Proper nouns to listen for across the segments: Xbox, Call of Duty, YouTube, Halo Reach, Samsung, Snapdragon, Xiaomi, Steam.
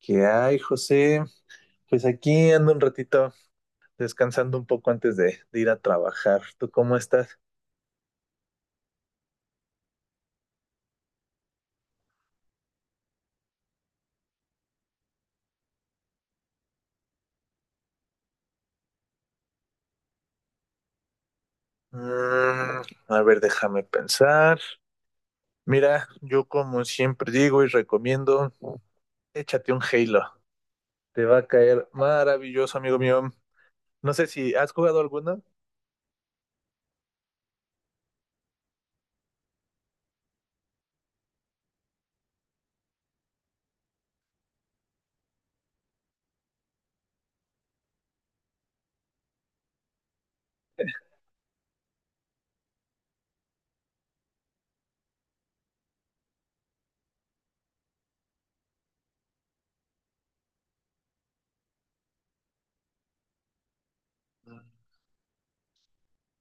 ¿Qué hay, José? Pues aquí ando un ratito descansando un poco antes de ir a trabajar. ¿Tú cómo estás? Mm, a ver, déjame pensar. Mira, yo como siempre digo y recomiendo, échate un Halo. Te va a caer maravilloso, amigo mío. No sé si has jugado alguno.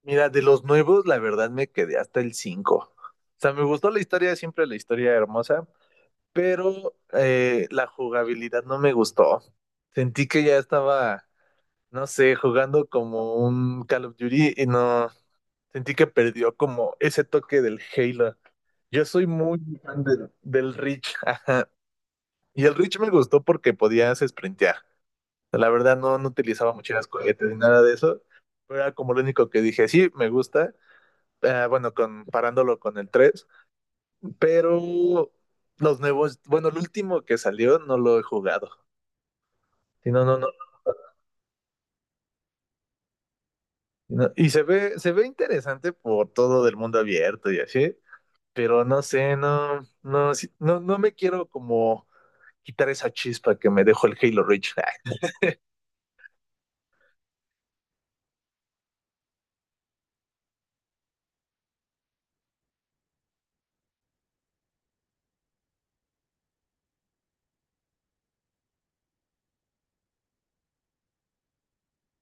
Mira, de los nuevos, la verdad me quedé hasta el 5. O sea, me gustó la historia, siempre la historia hermosa, pero la jugabilidad no me gustó. Sentí que ya estaba, no sé, jugando como un Call of Duty y no sentí que perdió como ese toque del Halo. Yo soy muy fan del Reach, ajá. Y el Reach me gustó porque podías sprintear. La verdad no, no utilizaba muchas cohetes ni nada de eso. Pero era como lo único que dije, sí, me gusta. Ah, bueno, comparándolo con el tres. Pero los nuevos, bueno, el último que salió no lo he jugado. Sí, no, no, no, no. Y se ve interesante por todo del mundo abierto y así, pero no sé, no, no, sí- no, no me quiero como quitar esa chispa que me dejó el Halo Reach.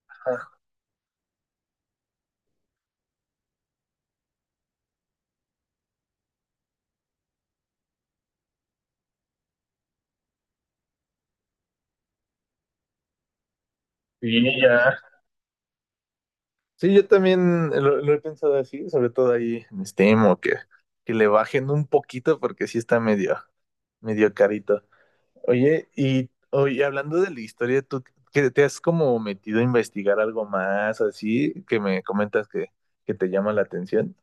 Ajá. Sí, ya. Sí, yo también lo he pensado así, sobre todo ahí en Steam, o que le bajen un poquito porque sí está medio, medio carito. Oye, y oye, hablando de la historia, ¿tú que te has como metido a investigar algo más así que me comentas que te llama la atención?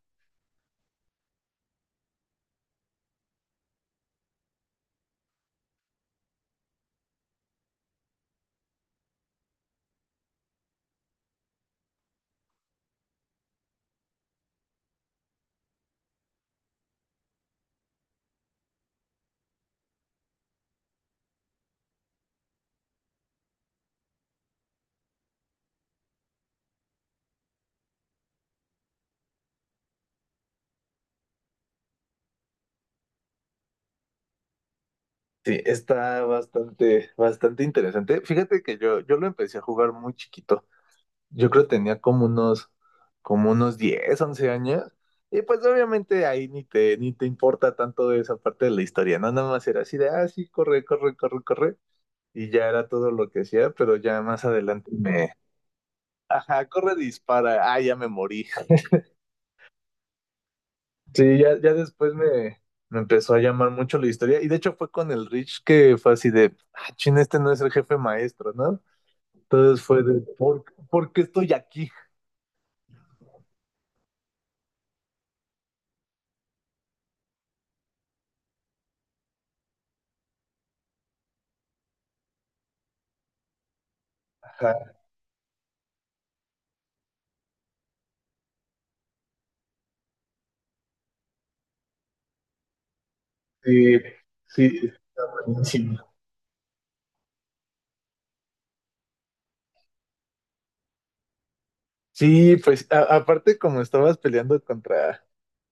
Sí, está bastante, bastante interesante. Fíjate que yo lo empecé a jugar muy chiquito. Yo creo que tenía como unos 10, 11 años. Y pues obviamente ahí ni te, ni te importa tanto esa parte de la historia, ¿no? Nada más era así de, ah, sí, corre, corre, corre, corre. Y ya era todo lo que hacía, pero ya más adelante me, ajá, corre, dispara, ah, ya me morí. Sí, ya, ya después me, me empezó a llamar mucho la historia. Y de hecho fue con el Rich que fue así de, ah, chin, este no es el jefe maestro, ¿no? Entonces fue de, por qué estoy aquí? Ajá, sí, sí, buenísimo. Sí, pues a- aparte como estabas peleando contra,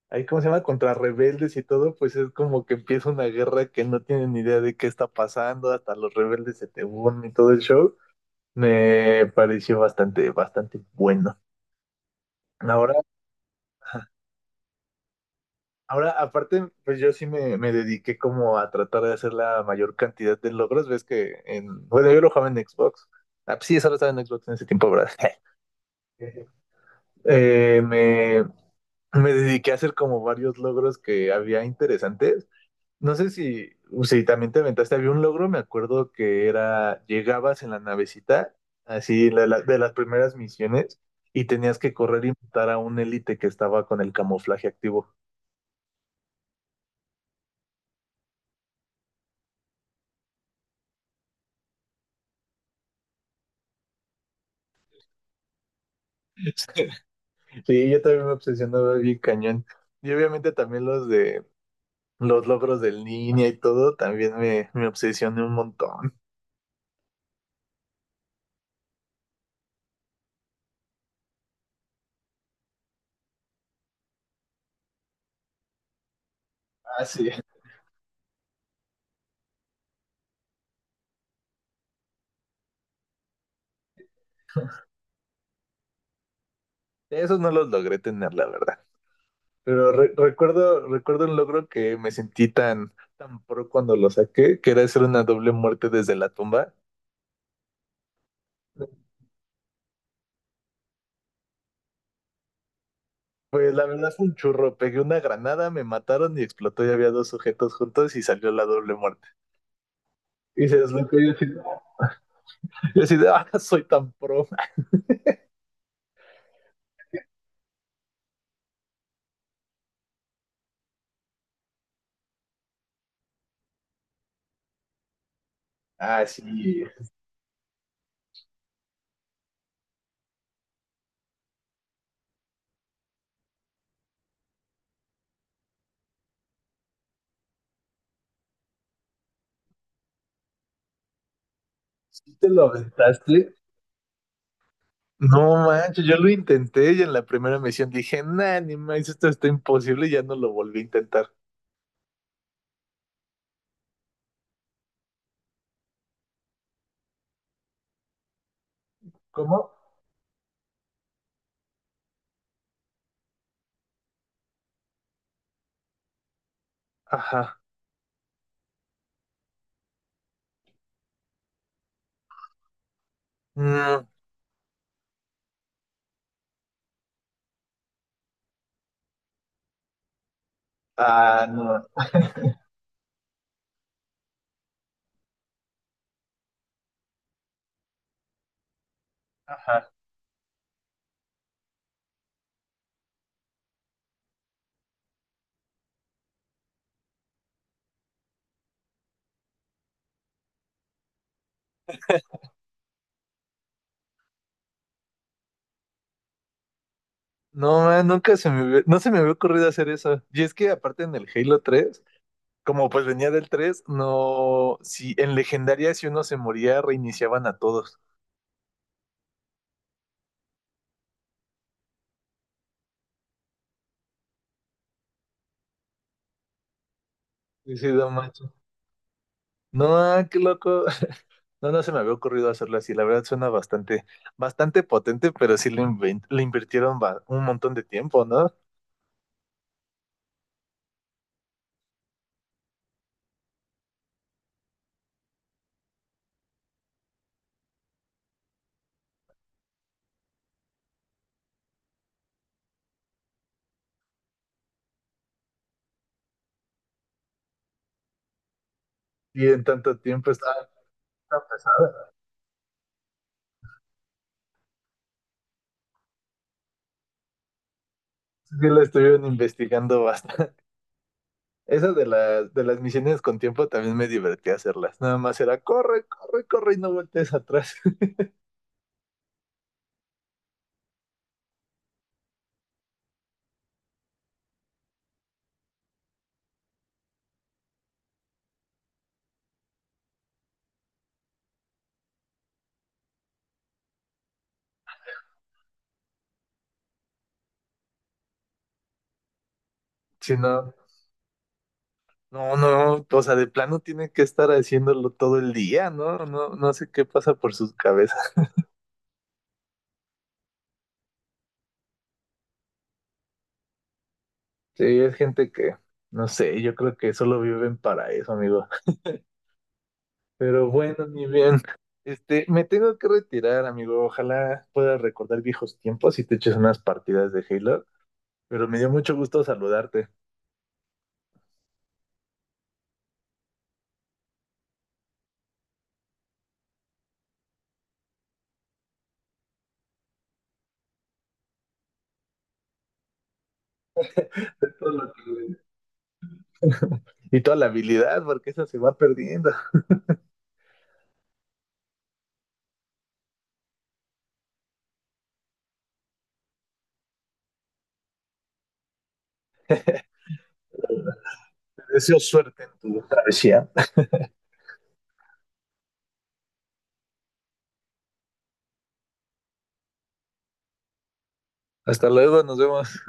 ahí cómo se llama, contra rebeldes y todo, pues es como que empieza una guerra que no tienen ni idea de qué está pasando, hasta los rebeldes se te unen y todo el show. Me pareció bastante, bastante bueno. Ahora, ahora, aparte, pues yo sí me dediqué como a tratar de hacer la mayor cantidad de logros. Ves que en, bueno, yo lo jugaba en Xbox. Ah, pues sí, solo estaba en Xbox en ese tiempo, ¿verdad? Eh, me, me dediqué a hacer como varios logros que había interesantes. No sé si, si también te aventaste, había un logro, me acuerdo que era, llegabas en la navecita, así la- la- de las primeras misiones, y tenías que correr y matar a un élite que estaba con el camuflaje activo. Sí, yo también me obsesionaba bien cañón. Y obviamente también los de los logros de línea y todo, también me obsesioné un montón. Ah, sí. Esos no los logré tener, la verdad. Pero re- recuerdo, recuerdo un logro que me sentí tan, tan pro cuando lo saqué, que era hacer una doble muerte desde la tumba. Pues la verdad fue un churro, pegué una granada, me mataron y explotó y había dos sujetos juntos y salió la doble muerte. Y se los así, yo así de, ah, soy tan pro. Ah, sí. ¿Sí te lo aventaste? No manches, yo lo intenté y en la primera misión dije, nah, ni más, esto está imposible y ya no lo volví a intentar. ¿Cómo? Ajá. Mm, ah, no. Ajá. No, man, nunca se me hubie- no se me había ocurrido hacer eso. Y es que aparte en el Halo 3, como pues venía del 3, no, si en legendaria si uno se moría, reiniciaban a todos. Sí, sí, no manches. No, ah, qué loco. No, no se me había ocurrido hacerlo así. La verdad suena bastante, bastante potente, pero sí le, inven- le invirtieron ba- un montón de tiempo, ¿no? Y en tanto tiempo está, está pesada. Sí, sí la estuvieron investigando bastante. Esa de las misiones con tiempo también me divertía hacerlas. Nada más era corre, corre, corre y no voltees atrás. Si no, no, no, o sea, de plano tienen que estar haciéndolo todo el día, ¿no? No, no sé qué pasa por sus cabezas. Sí, es gente que, no sé, yo creo que solo viven para eso, amigo. Pero bueno, mi bien, este, me tengo que retirar, amigo. Ojalá puedas recordar viejos tiempos y te eches unas partidas de Halo. Pero me dio mucho gusto saludarte. Todo lo que- y toda la habilidad, porque esa se va perdiendo. Te deseo suerte en tu travesía. Hasta luego, nos vemos.